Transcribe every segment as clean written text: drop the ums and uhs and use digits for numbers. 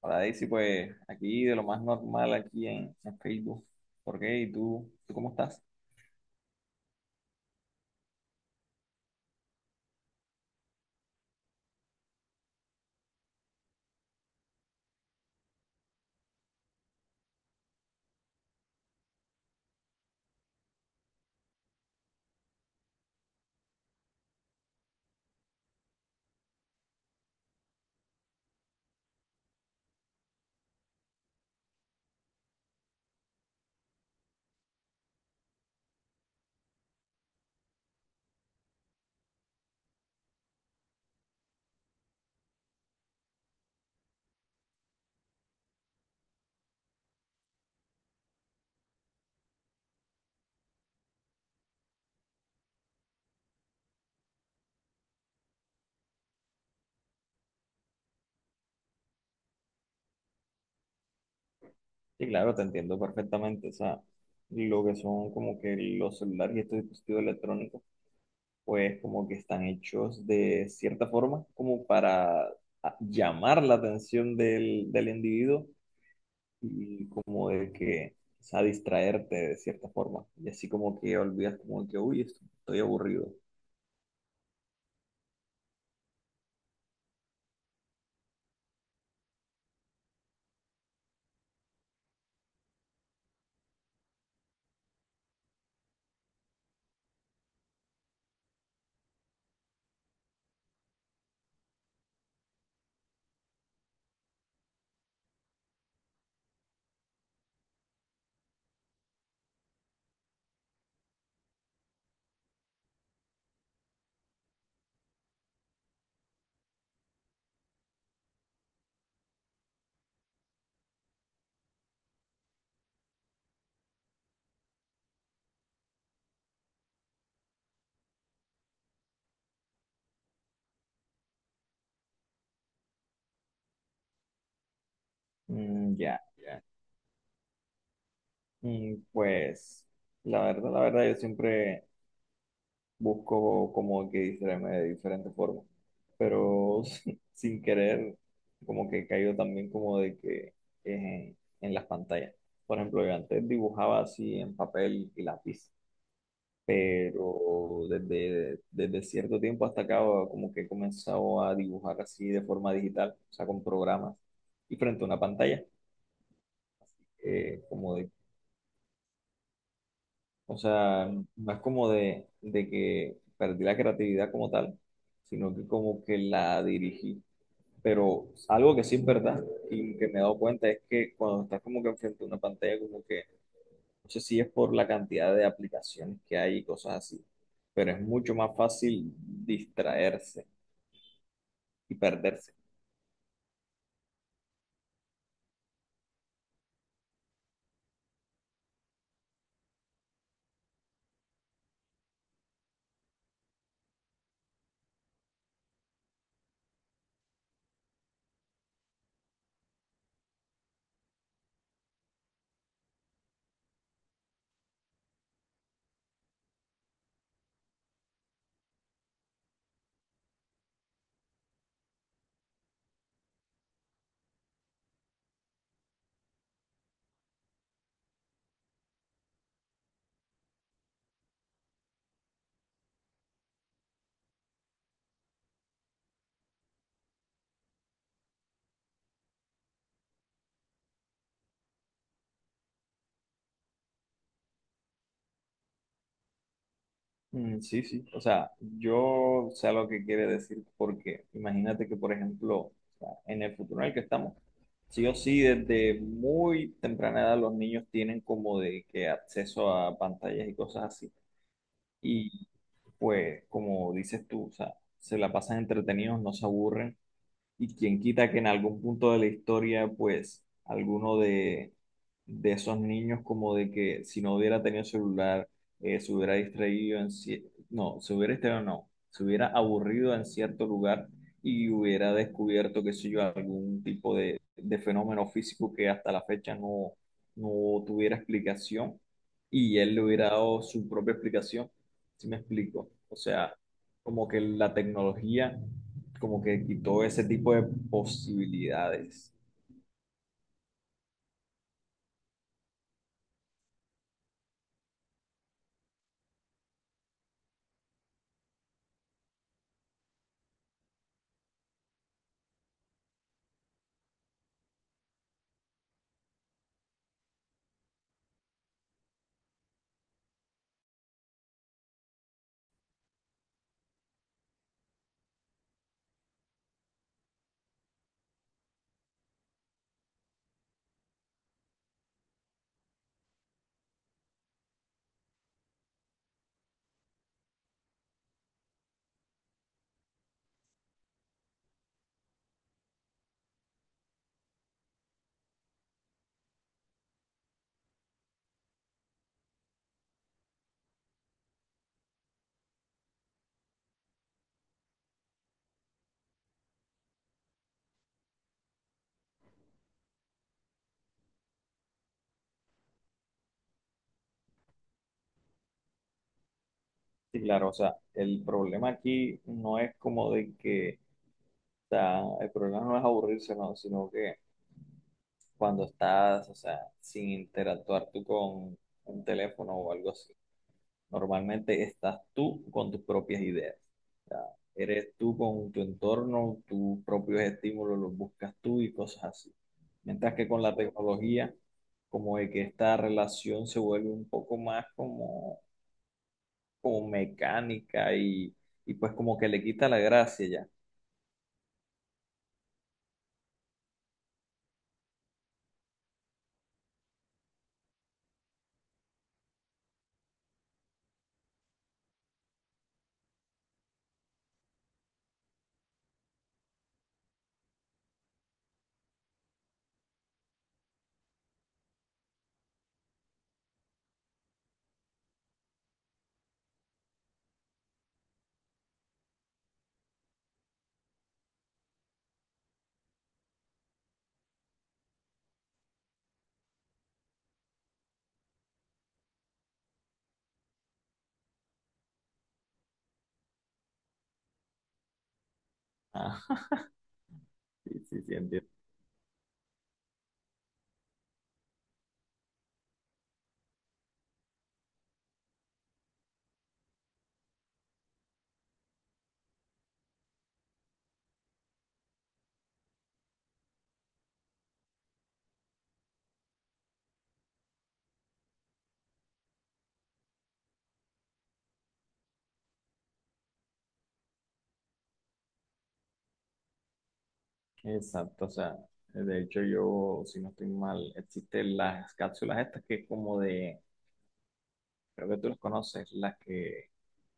Hola Daisy, pues aquí de lo más normal aquí en Facebook. ¿Por qué? ¿Y tú cómo estás? Sí, claro, te entiendo perfectamente. O sea, lo que son como que los celulares y estos dispositivos electrónicos, pues como que están hechos de cierta forma como para llamar la atención del individuo y como de que, o sea, distraerte de cierta forma. Y así como que olvidas como que, uy, estoy aburrido. Mm, ya, ya. Y pues, la verdad, yo siempre busco como que distraerme de diferentes formas, pero sin querer, como que he caído también como de que es en las pantallas. Por ejemplo, yo antes dibujaba así en papel y lápiz, pero desde cierto tiempo hasta acá como que he comenzado a dibujar así de forma digital, o sea, con programas y frente a una pantalla, como de O sea, no es como de que perdí la creatividad como tal, sino que como que la dirigí. Pero algo que sí es verdad y que me he dado cuenta es que cuando estás como que enfrente a una pantalla, como que, no sé si es por la cantidad de aplicaciones que hay y cosas así, pero es mucho más fácil distraerse y perderse. Mm, sí, sí. O sea, yo sé lo que quiere decir porque imagínate que, por ejemplo, o sea, en el futuro en el que estamos, sí o sí, desde muy temprana edad los niños tienen como de que acceso a pantallas y cosas así. Y pues, como dices tú, o sea, se la pasan entretenidos, no se aburren. Y quien quita que en algún punto de la historia, pues, alguno de esos niños, como de que si no hubiera tenido celular, se hubiera distraído en se hubiera distraído, no, se hubiera aburrido en cierto lugar y hubiera descubierto, qué sé yo, algún tipo de fenómeno físico que hasta la fecha no tuviera explicación y él le hubiera dado su propia explicación, ¿si me explico? O sea, como que la tecnología como que quitó ese tipo de posibilidades. Sí, claro, o sea, el problema aquí no es como de que, o sea, el problema no es aburrirse, no, sino que cuando estás, o sea, sin interactuar tú con un teléfono o algo así. Normalmente estás tú con tus propias ideas. O sea, eres tú con tu entorno, tus propios estímulos los buscas tú y cosas así. Mientras que con la tecnología, como de que esta relación se vuelve un poco más como, como mecánica y pues como que le quita la gracia ya. Ah, sí, sí, sí, entiendo. Exacto, o sea, de hecho yo, si no estoy mal, existen las cápsulas estas que es como de, creo que tú las conoces,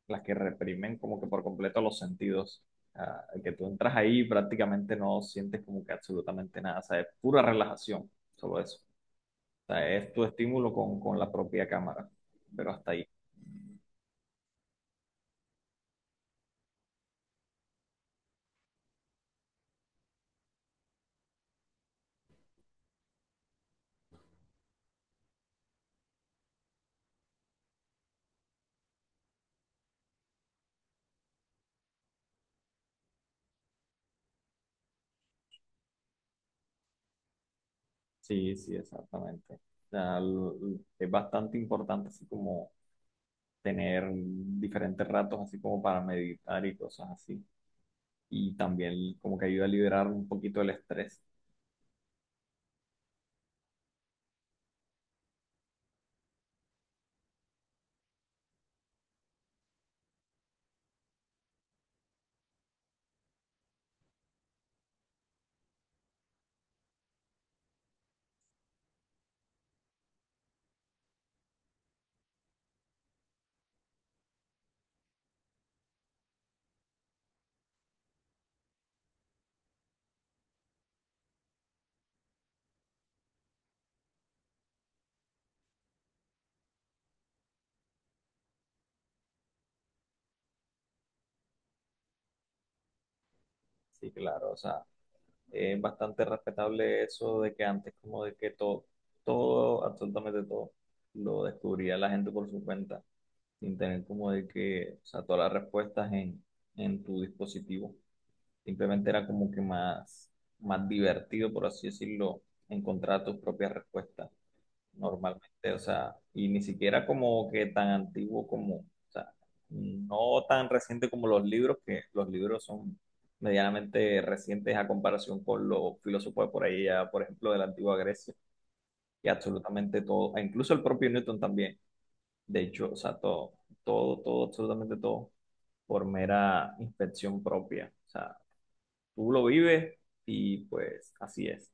las que reprimen como que por completo los sentidos. Ah, que tú entras ahí y prácticamente no sientes como que absolutamente nada, o sea, es pura relajación, solo eso. O sea, es tu estímulo con la propia cámara, pero hasta ahí. Sí, sí, exactamente. O sea, es bastante importante así como tener diferentes ratos así como para meditar y cosas así. Y también como que ayuda a liberar un poquito el estrés. Sí, claro, o sea, bastante respetable eso de que antes como de que todo, todo, absolutamente todo, lo descubría la gente por su cuenta, sin tener como de que, o sea, todas las respuestas en tu dispositivo. Simplemente era como que más divertido, por así decirlo, encontrar tus propias respuestas normalmente, o sea, y ni siquiera como que tan antiguo como, o sea, no tan reciente como los libros, que los libros son medianamente recientes a comparación con los filósofos de por ahí, ya, por ejemplo, de la antigua Grecia, y absolutamente todo, e incluso el propio Newton también, de hecho, o sea, todo, todo, todo, absolutamente todo, por mera inspección propia, o sea, tú lo vives y pues así es.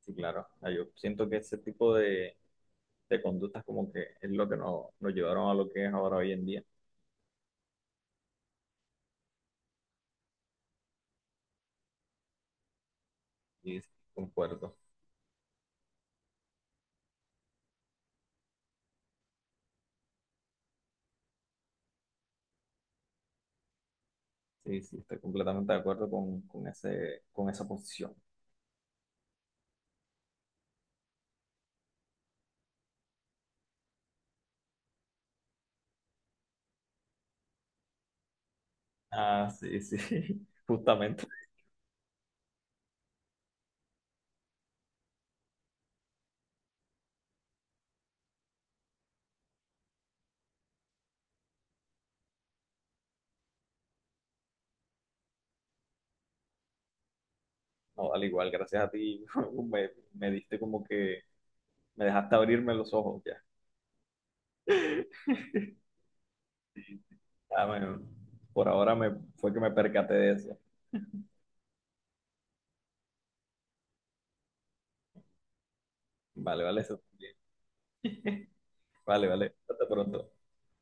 Sí, claro. Ah, yo siento que ese tipo de conductas como que es lo que nos llevaron a lo que es ahora hoy en día. Y sí, concuerdo. Sí, sí, estoy completamente de acuerdo con ese, con esa posición. Ah, sí, sí, justamente. No, al igual, gracias a ti, me diste como que me dejaste abrirme los ojos ya. Ah, bueno, por ahora fue que me percaté de eso. Vale, vale, eso está bien. Vale, vale, hasta pronto.